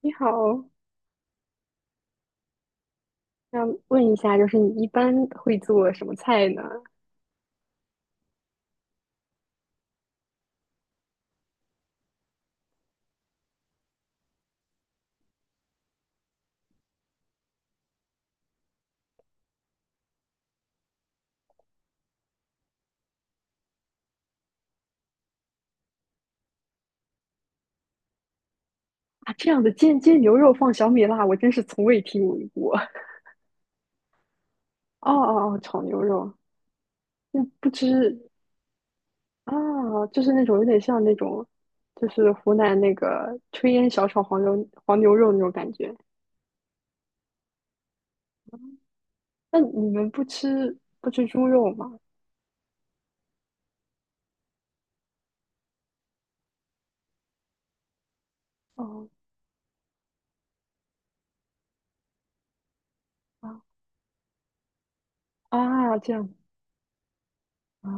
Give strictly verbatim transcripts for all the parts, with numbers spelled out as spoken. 你好，想问一下，就是你一般会做什么菜呢？啊，这样的煎煎牛肉放小米辣，我真是从未听闻过。哦哦哦，炒牛肉，那不知啊，就是那种有点像那种，就是湖南那个炊烟小炒黄牛黄牛肉那种感觉。那你们不吃不吃猪肉吗？哦啊啊，这样啊，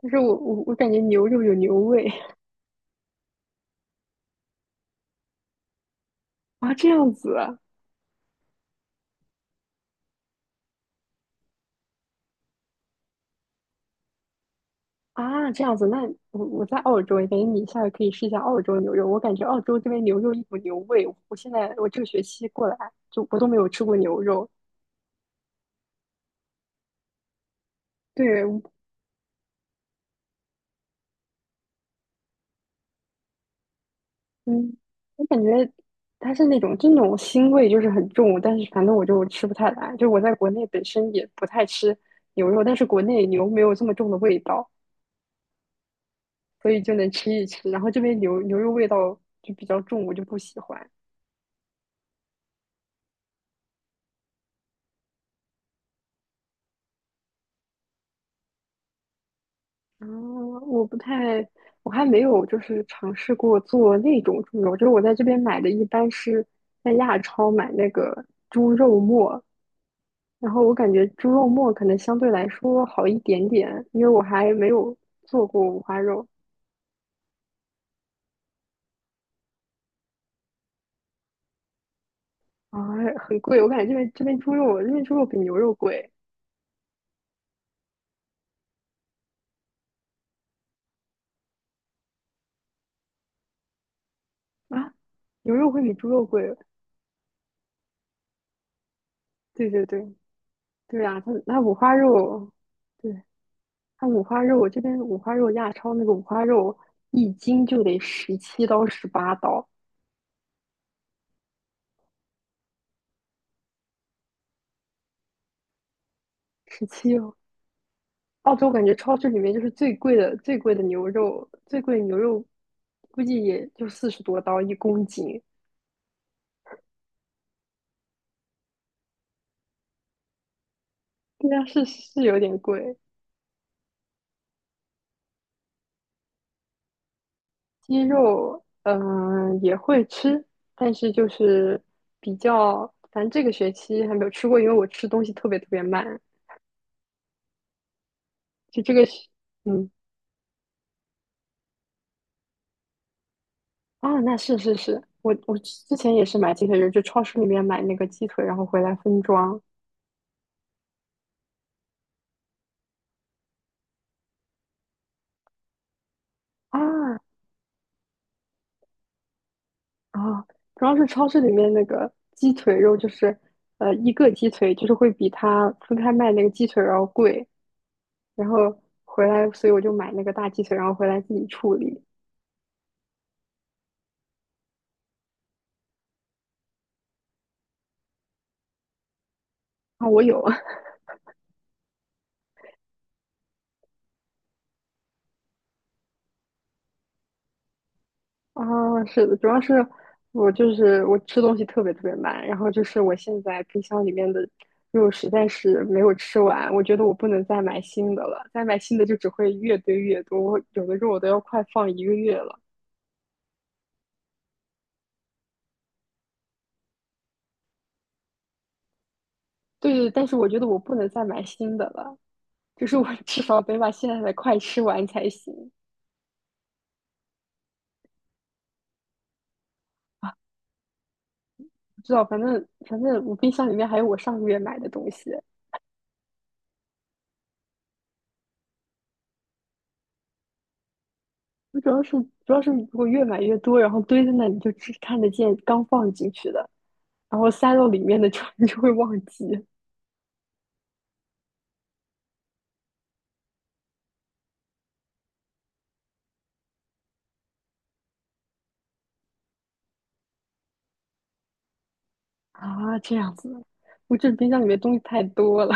但是我我我感觉牛肉有牛味 啊，这样子啊。啊，这样子，那我我在澳洲，感觉你下回可以试一下澳洲牛肉。我感觉澳洲这边牛肉一股牛味，我现在我这个学期过来就我都没有吃过牛肉。对，嗯，我感觉它是那种就那种腥味就是很重，但是反正我就吃不太来。就我在国内本身也不太吃牛肉，但是国内牛没有这么重的味道，所以就能吃一吃。然后这边牛牛肉味道就比较重，我就不喜欢。啊，我不太，我还没有就是尝试过做那种猪肉，就是我在这边买的一般是在亚超买那个猪肉末，然后我感觉猪肉末可能相对来说好一点点，因为我还没有做过五花肉啊，很贵，我感觉这边这边猪肉，这边猪肉比牛肉贵啊，牛肉会比猪肉贵，对对对对啊，它那五花肉，对，它五花肉，我这边五花肉亚超那个五花肉一斤就得十七刀十八刀，十七哦。澳洲感觉超市里面就是最贵的最贵的牛肉，最贵的牛肉估计也就四十多刀一公斤，对啊，是是有点贵。鸡肉嗯、也会吃，但是就是比较，反正这个学期还没有吃过，因为我吃东西特别特别慢，就这个学嗯。啊，那是是是，我我之前也是买鸡腿，肉，就超市里面买那个鸡腿，然后回来分装啊啊，主要是超市里面那个鸡腿肉，就是呃一个鸡腿就是会比它分开卖那个鸡腿要贵，然后回来，所以我就买那个大鸡腿，然后回来自己处理啊，我有。啊，是的，主要是我就是我吃东西特别特别慢，然后就是我现在冰箱里面的肉实在是没有吃完，我觉得我不能再买新的了，再买新的就只会越堆越多，我有的肉我都要快放一个月了。对对，但是我觉得我不能再买新的了，就是我 至少得把现在的快吃完才行。不知道，反正反正我冰箱里面还有我上个月买的东西，我主要是主要是如果越买越多，然后堆在那里就只看得见刚放进去的。然后塞到里面的就 你就会忘记啊，这样子。我这冰箱里面东西太多了，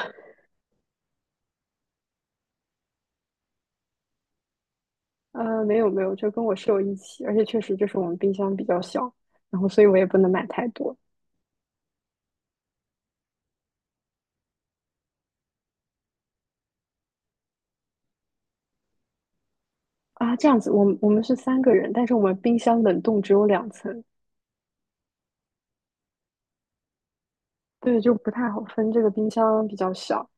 呃，没有没有，就跟我室友一起，而且确实就是我们冰箱比较小，然后所以我也不能买太多啊。这样子，我们我们是三个人，但是我们冰箱冷冻只有两层，对，就不太好分。这个冰箱比较小，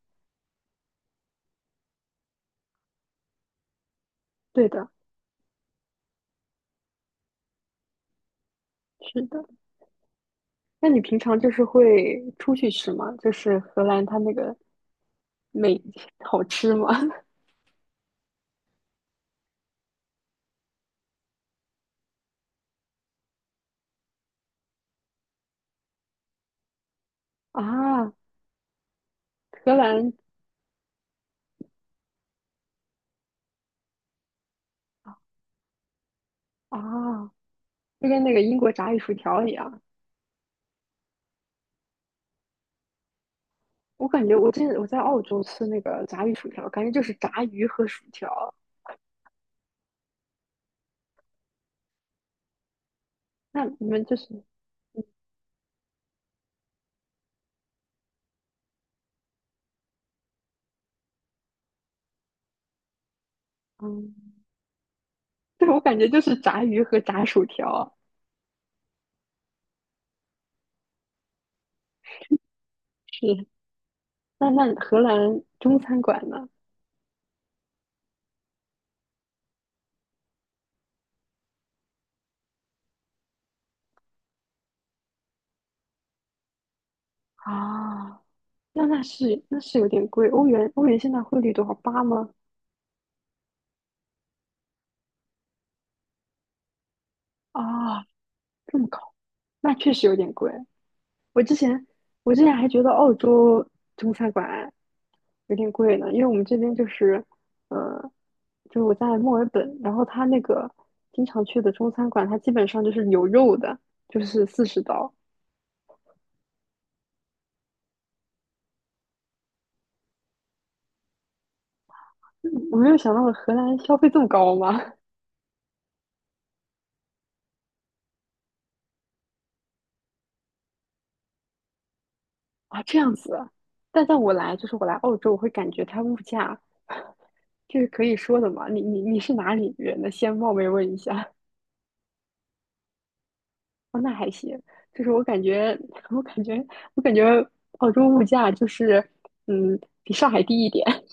对的，是的。那你平常就是会出去吃吗？就是荷兰它那个美好吃吗？啊，荷兰啊，就跟那个英国炸鱼薯条一样。我感觉我之前我在澳洲吃那个炸鱼薯条，感觉就是炸鱼和薯条。那你们就是，嗯，对，我感觉就是炸鱼和炸薯条。是，那那荷兰中餐馆呢？啊，那那是那是有点贵，欧元欧元现在汇率多少？八吗？啊，这么高，那确实有点贵。我之前我之前还觉得澳洲中餐馆有点贵呢，因为我们这边就是，呃，就是我在墨尔本，然后他那个经常去的中餐馆，它基本上就是有肉的，就是四十刀。嗯我没有想到荷兰消费这么高吗？啊，这样子啊。但在我来，就是我来澳洲，我会感觉它物价，这是可以说的嘛？你你你是哪里人呢？先冒昧问一下。哦，那还行。就是我感觉，我感觉，我感觉澳洲物价就是，嗯，比上海低一点。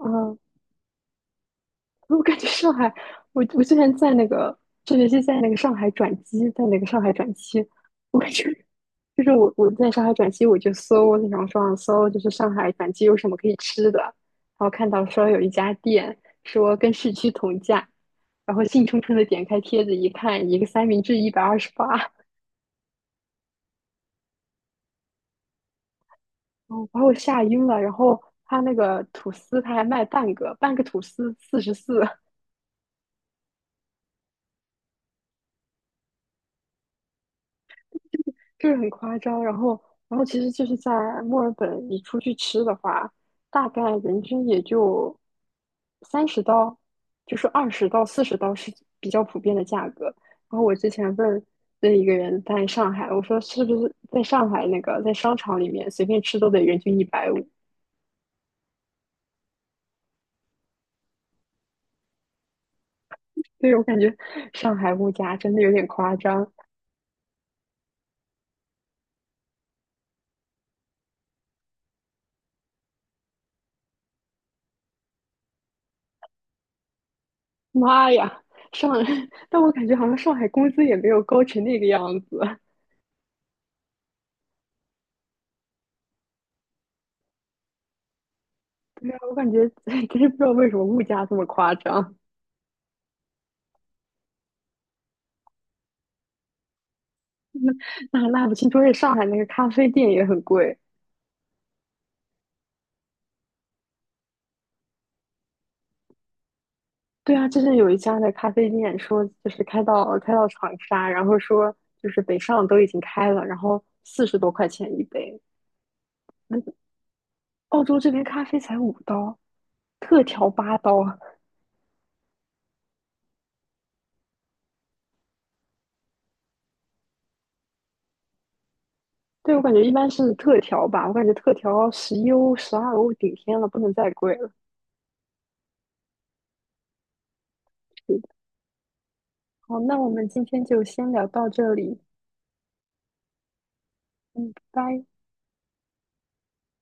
嗯。我感觉上海，我我之前在那个这学期在那个上海转机，在那个上海转机，我感觉就是我我在上海转机，我就搜那种上搜，就是上海转机有什么可以吃的，然后看到说有一家店说跟市区同价，然后兴冲冲的点开帖子一看，一个三明治一百二十八，哦，把我吓晕了。然后他那个吐司他还卖半个，半个吐司四十四，就是很夸张。然后，然后其实就是在墨尔本，你出去吃的话，大概人均也就三十刀，就是二十到四十刀是比较普遍的价格。然后我之前问问一个人在上海，我说是不是在上海那个在商场里面随便吃都得人均一百五？以我感觉 上海物价真的有点夸张。妈呀，上，但我感觉好像上海工资也没有高成那个样子。没有，我感觉 真是不知道为什么物价这么夸张，那那那不清楚。而且上海那个咖啡店也很贵。对啊，就是有一家的咖啡店说，就是开到开到长沙，然后说就是北上都已经开了，然后四十多块钱一杯。那澳洲这边咖啡才五刀，特调八刀啊。对，我感觉一般是特调吧，我感觉特调十一欧、十二欧顶天了，不能再贵了。是的好，那我们今天就先聊到这里，嗯，拜拜。